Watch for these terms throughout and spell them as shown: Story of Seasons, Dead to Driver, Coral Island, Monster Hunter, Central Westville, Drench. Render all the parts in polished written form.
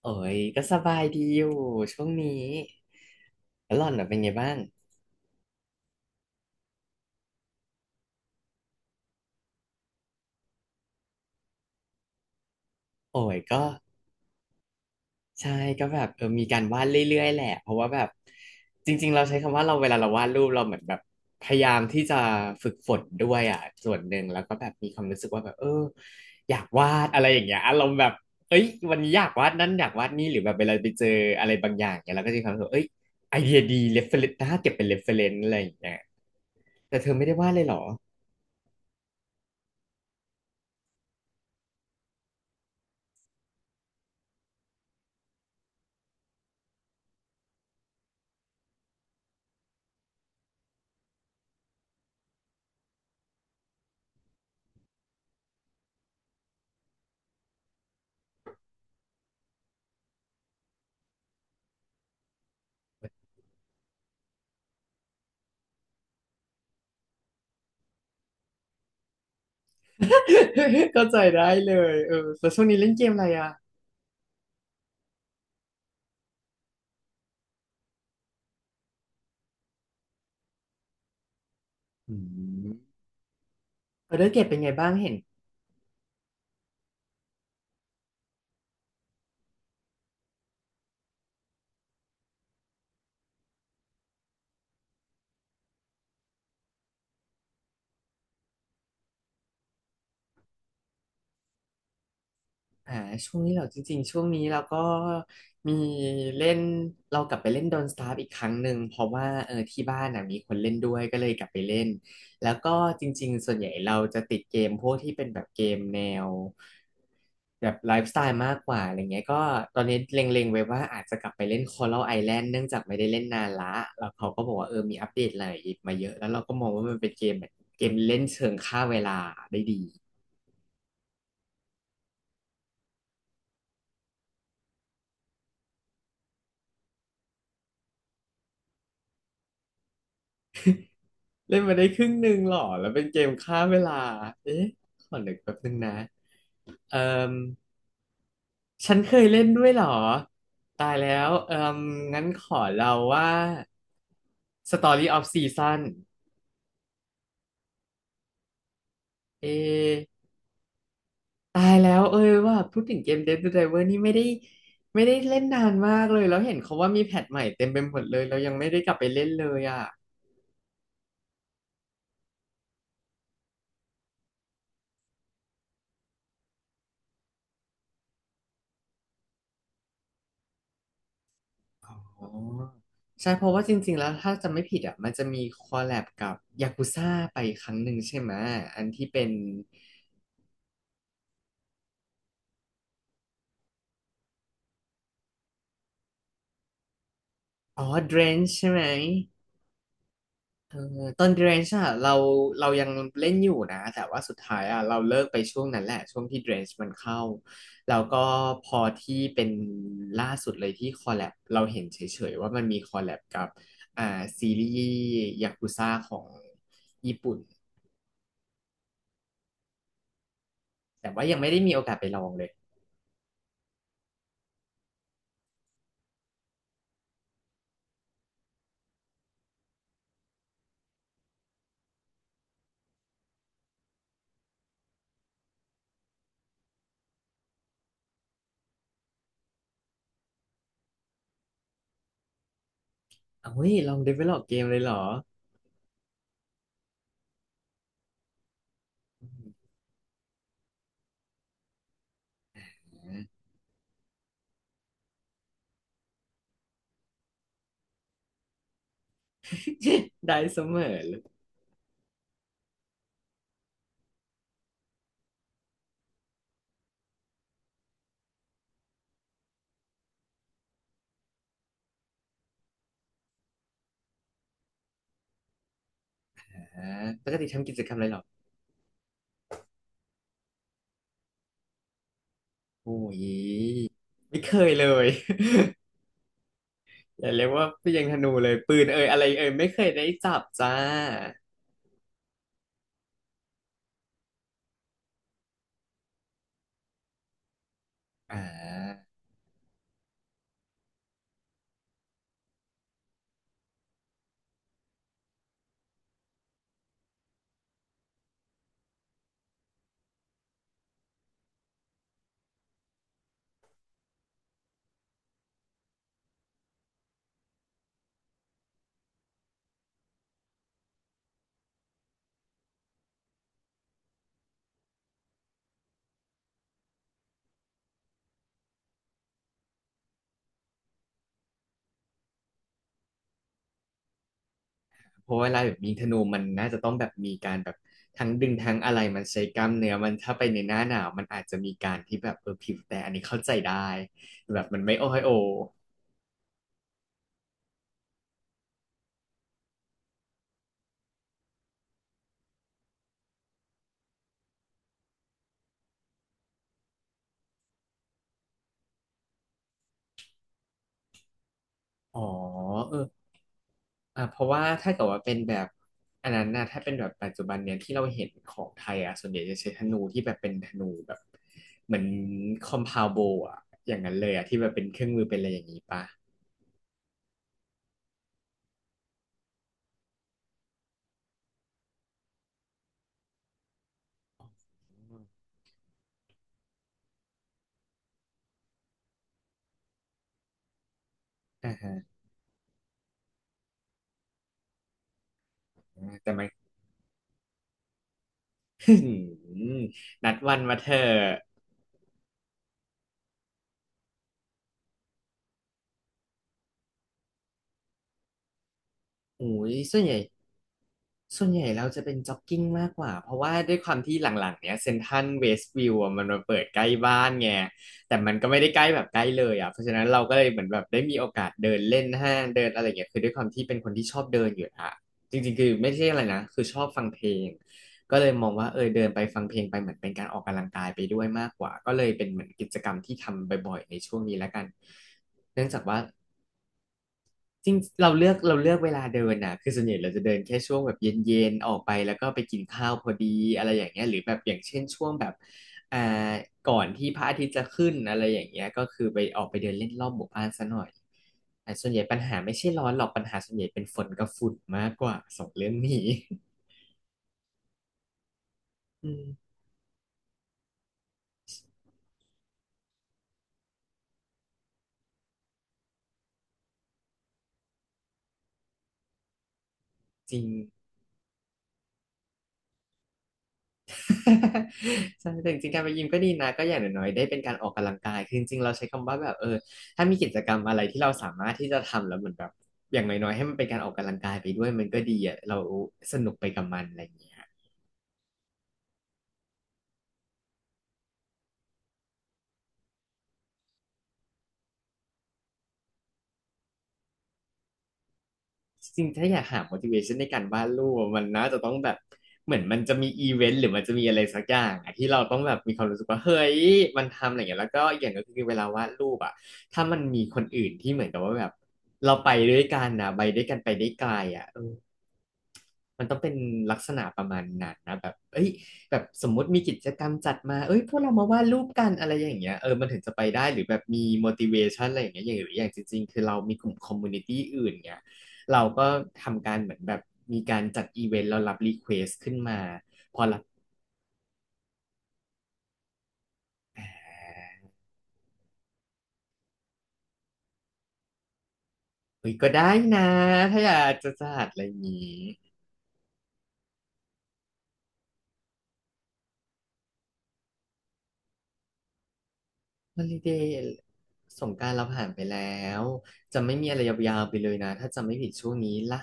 โอ้ยก็สบายดีอยู่ช่วงนี้แล้วหล่อนน่ะเป็นไงบ้างโอ้ยก็ใช่ก็แบบมีการวาดเรื่อยๆแหละเพราะว่าแบบจริงๆเราใช้คำว่าเราเวลาเราวาดรูปเราเหมือนแบบพยายามที่จะฝึกฝนด้วยอ่ะส่วนหนึ่งแล้วก็แบบมีความรู้สึกว่าแบบอยากวาดอะไรอย่างเงี้ยอารมณ์แบบเอ้ยวันนี้อยากวาดนั่นอยากวาดนี่หรือแบบเวลาไปเจออะไรบางอย่างเนี่ยเราก็จะมีความรู้สึกว่าเอ้ยไอเดียดีเรฟเฟรนซ์น่าเก็บเป็นเรฟเฟรนซ์อะไรอย่างเงี้ยแต่เธอไม่ได้วาดเลยเหรอ เข้าใจได้เลยแล้วช่วงนี้เล่นเกมอะไรอ่ะอืมเอาได้เกรดเป็นไงบ้างเห็น อ่าช่วงนี้เราจริงๆช่วงนี้เราก็มีเล่นเรากลับไปเล่นโดนสตาร์อีกครั้งหนึ่งเพราะว่าที่บ้านน่ะมีคนเล่นด้วยก็เลยกลับไปเล่นแล้วก็จริงๆส่วนใหญ่เราจะติดเกมพวกที่เป็นแบบเกมแนวแบบไลฟ์สไตล์มากกว่าอะไรเงี้ยก็ตอนนี้เล็งๆไว้ว่าอาจจะกลับไปเล่น Coral Island เนื่องจากไม่ได้เล่นนานละแล้วเขาก็บอกว่ามีอัปเดตอะไรมาเยอะแล้วเราก็มองว่ามันเป็นเกมแบบเกมเล่นเชิงฆ่าเวลาได้ดี เล่นมาได้ครึ่งหนึ่งหรอแล้วเป็นเกมฆ่าเวลา เอ๊ะขอนึกแป๊บนึงนะเอ่มฉันเคยเล่นด้วยเหรอตายแล้วเอ่มงั้นขอเราว่า Story of Season เอะตายแล้วเอ้ยว่าพูดถึงเกม Dead to Driver นี่ไม่ได้ไม่ได้เล่นนานมากเลยแล้วเห็นเขาว่ามีแพทใหม่เต็มไปหมดเลยเรายังไม่ได้กลับไปเล่นเลยอ่ะ อ๋อใช่เพราะว่าจริงๆแล้วถ้าจำไม่ผิดอ่ะมันจะมีคอลแลบกับยากุซ่าไปครั้งหนึ่งใช่ไหมอันที่เป็นอ๋อ Drench ใช่ไหมเออตอน Drench อ่ะเรายังเล่นอยู่นะแต่ว่าสุดท้ายอ่ะเราเลิกไปช่วงนั้นแหละช่วงที่ Drench มันเข้าแล้วก็พอที่เป็นล่าสุดเลยที่คอลแลบเราเห็นเฉยๆว่ามันมีคอลแลบกับอ่าซีรีส์ยากุซ่าของญี่ปุ่นแต่ว่ายังไม่ได้มีโอกาสไปลองเลย เอ้ยลอง develop เกมเลยเหรอ ได้เสมอเลยนะปกติทำกิจกรรมอะไรเหรอโอ้ยไม่เคยเลย อย่าเรียกว่าพี่ยังธนูเลยปืนเอ่ยอะไรเอ่ยไม่เคยได้จับจ้าอ่าเพราะเวลาแบบยิงธนูมันน่าจะต้องแบบมีการแบบทั้งดึงทั้งอะไรมันใช้กล้ามเนื้อมันถ้าไปในหน้าหนาวมันอาจจะมีการที่แบบผิวแต่อันนี้เข้าใจได้แบบมันไม่โอ้ยโออ๋อเออ เพราะว่าถ้าเกิดว่าเป็นแบบอันนั้นนะถ้าเป็นแบบปัจจุบันเนี่ยที่เราเห็นของไทยอ่ะส่วนใหญ่จะใช้ธนูที่แบบเป็นธนูแบบเหมือนคอมพาวโบอ่ะอย่างนั้นเลยอ่ะที่แบบเป็นเครื่องมือเป็นอะไรอย่างนี้ปะอ่าฮะแต่มัน นัดวันมาเถอะโอ้ยส่วนใหญ่เราจะเป็นจ็อกกิ้งมากกว่าเพราะว่าด้วยความที่หลังๆเนี้ยเซ็นทรัลเวสต์วิวมันมาเปิดใกล้บ้านไงแต่มันก็ไม่ได้ใกล้แบบใกล้เลยอ่ะเพราะฉะนั้นเราก็เลยเหมือนแบบได้มีโอกาสเดินเล่นห้างเดินอะไรเงี้ยคือด้วยความที่เป็นคนที่ชอบเดินอยู่อ่ะจริงๆคือไม่ใช่อะไรนะคือชอบฟังเพลงก็เลยมองว่าเดินไปฟังเพลงไปเหมือนเป็นการออกกำลังกายไปด้วยมากกว่าก็เลยเป็นเหมือนกิจกรรมที่ทำบ่อยๆในช่วงนี้แล้วกันเนื่องจากว่า จริงเราเลือกเราเลือกเวลาเดินนะคือส่วนใหญ่เราจะเดินแค่ช่วงแบบเย็นๆออกไปแล้วก็ไปกินข้าวพอดีอะไรอย่างเงี้ยหรือแบบอย่างเช่นช่วงแบบอ่าก่อนที่พระอาทิตย์จะขึ้นอะไรอย่างเงี้ยก็คือไปออกไปเดินเล่นรอบหมู่บ้านซะหน่อยอ่าส่วนใหญ่ปัญหาไม่ใช่ร้อนหรอกปัญหาส่วนใหญ่เป็นฝนกับฝุ่นมากกว่าสองเรื่องนี้อืม จริง ใช่แต่จริงๆการไปยิมก็ดีนะก็อย่างน้อยๆได้เป็นการออกกำลังกายคือจริงๆเราใช้คำว่าแบบถ้ามีกิจกรรมอะไรที่เราสามารถที่จะทำแล้วเหมือนแบบอย่างน้อยๆให้มันเป็นการออกกำลังกายไปด้วยมันก็ดีอ่ะเราสนุกไปกับมันอะไรอย่างเงี้ยจริงๆถ้าอยากหา motivation ในการวาดรูปอะมันน่าจะต้องแบบเหมือนมันจะมีอีเวนต์หรือมันจะมีอะไรสักอย่างอะที่เราต้องแบบมีความรู้สึกว่าเฮ้ยมันทำอะไรอย่างเงี้ยแล้วก็อีกอย่างก็คือเวลาวาดรูปอ่ะถ้ามันมีคนอื่นที่เหมือนกับว่าแบบเราไปด้วยกันนะไปด้วยกันไปได้ไกลอ่ะเออ มันต้องเป็นลักษณะประมาณนั้นนะแบบเอ้ยแบบสมมุติมีกิจกรรมจัดมาเอ้ยพวกเรามาวาดรูปกันอะไรอย่างเงี้ยเออมันถึงจะไปได้หรือแบบมี motivation อะไรอย่างเงี้ยอย่างหรืออย่างจริงๆคือเรามีกลุ่ม community อื่นเงี้ยเราก็ทำการเหมือนแบบมีการจัดอีเวนต์เรารับรีเควสขึ้นมาเฮ้ยก็ได้นะถ้าอยากจะจัดอะไรอย่างนี้ฮอลิเดย์สงกรานต์เราผ่านไปแล้ว จะไม่มีอะไรยาวๆไปเลยนะถ้าจะไม่ผิดช่วงนี้ละ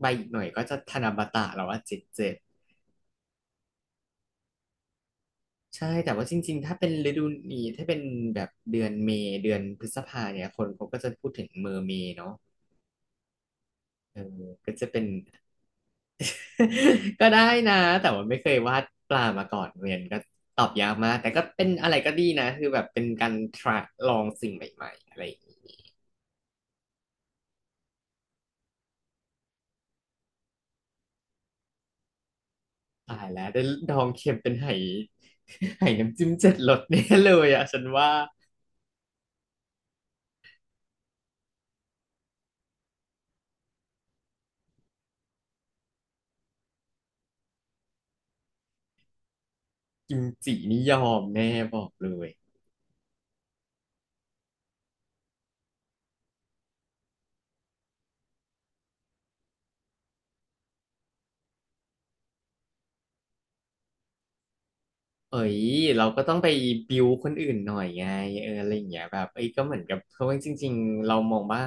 ใบอีกหน่อยก็จะธนบัตรแล้วว่าเจ็ดเจ็ด ใช่แต่ว่าจริงๆ ถ้าเป็นฤดูนี้ถ้าเป็นแบบเดือนเมษเดือนพฤษภาเนี่ยคนเขาก็จะพูดถึงเมอร์เมย์เนาะเออก็จะเป็น ก็ได้นะแต่ว่าไม่เคยวาดปลามาก่อนเรียนก็ตอบยากมากแต่ก็เป็นอะไรก็ดีนะคือแบบเป็นการ try ลองสิ่งใหม่ๆอะไรอย่างนี้ตายแล้วได้ดองเค็มเป็นไห ไหน้ำจิ้มเจ็ดรสแน่เลยอ่ะฉันว่ากิมจินี่ยอมแน่บอกเลย เอ้ยเราก็ต้องไปบิวคนอื่นหน่อยไงเอออะไรอย่างเงี้ยแบบเอ้ยก็เหมือนกับเพราะว่าจริงๆเรามองว่า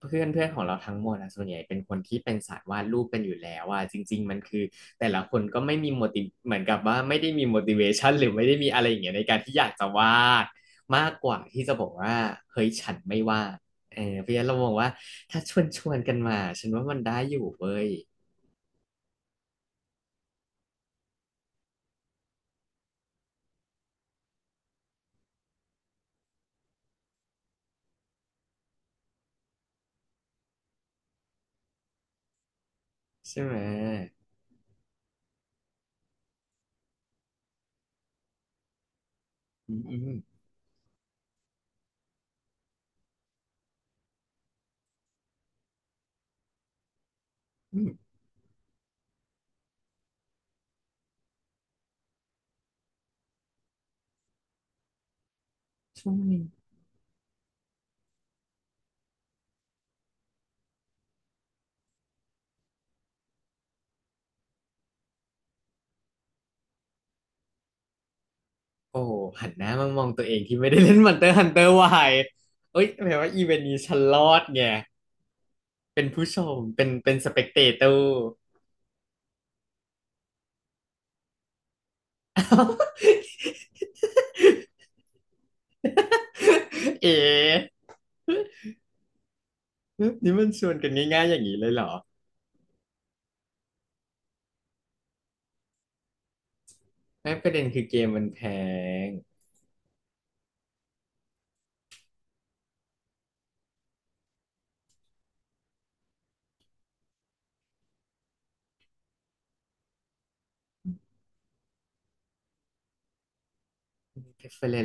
เพื่อนเพื่อนของเราทั้งหมดอะส่วนใหญ่เป็นคนที่เป็นสายวาดรูปกันอยู่แล้วอะจริงๆมันคือแต่ละคนก็ไม่มี เหมือนกับว่าไม่ได้มี motivation หรือไม่ได้มีอะไรอย่างเงี้ยในการที่อยากจะวาดมากกว่าที่จะบอกว่าเฮ้ยฉันไม่วาดเออเพราะฉะนั้นเรามองว่าถ้าชวนกันมาฉันว่ามันได้อยู่เว้ยใช่ไหมอืมอืมอืมช่วงนี้ โอ้หันหน้ามามองตัวเองที่ไม่ได้เล่น Monster Hunter ร์วายเอ้ยแปลว่าอีเวนต์นี้ฉันรอดไงเป็นผู้ชมเป็นส เปกเตเตอร์ เอ๋นี่มันชวนกันง่ายๆอย่างนี้เลยเหรอไม่ประเด็นคือเกมมันแพง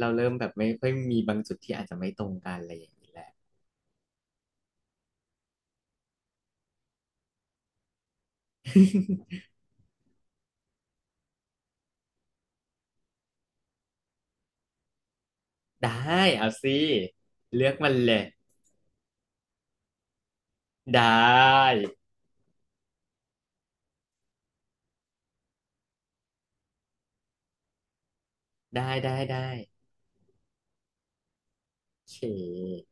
reference เราเริ่มแบบไม่ค่อยมีบางจุดที่อาจจะไม่ตรงกันอะไรอย่างนี้แหละ ได้เอาสิเลือกมันเลยได้ได้ได้ได้โอเค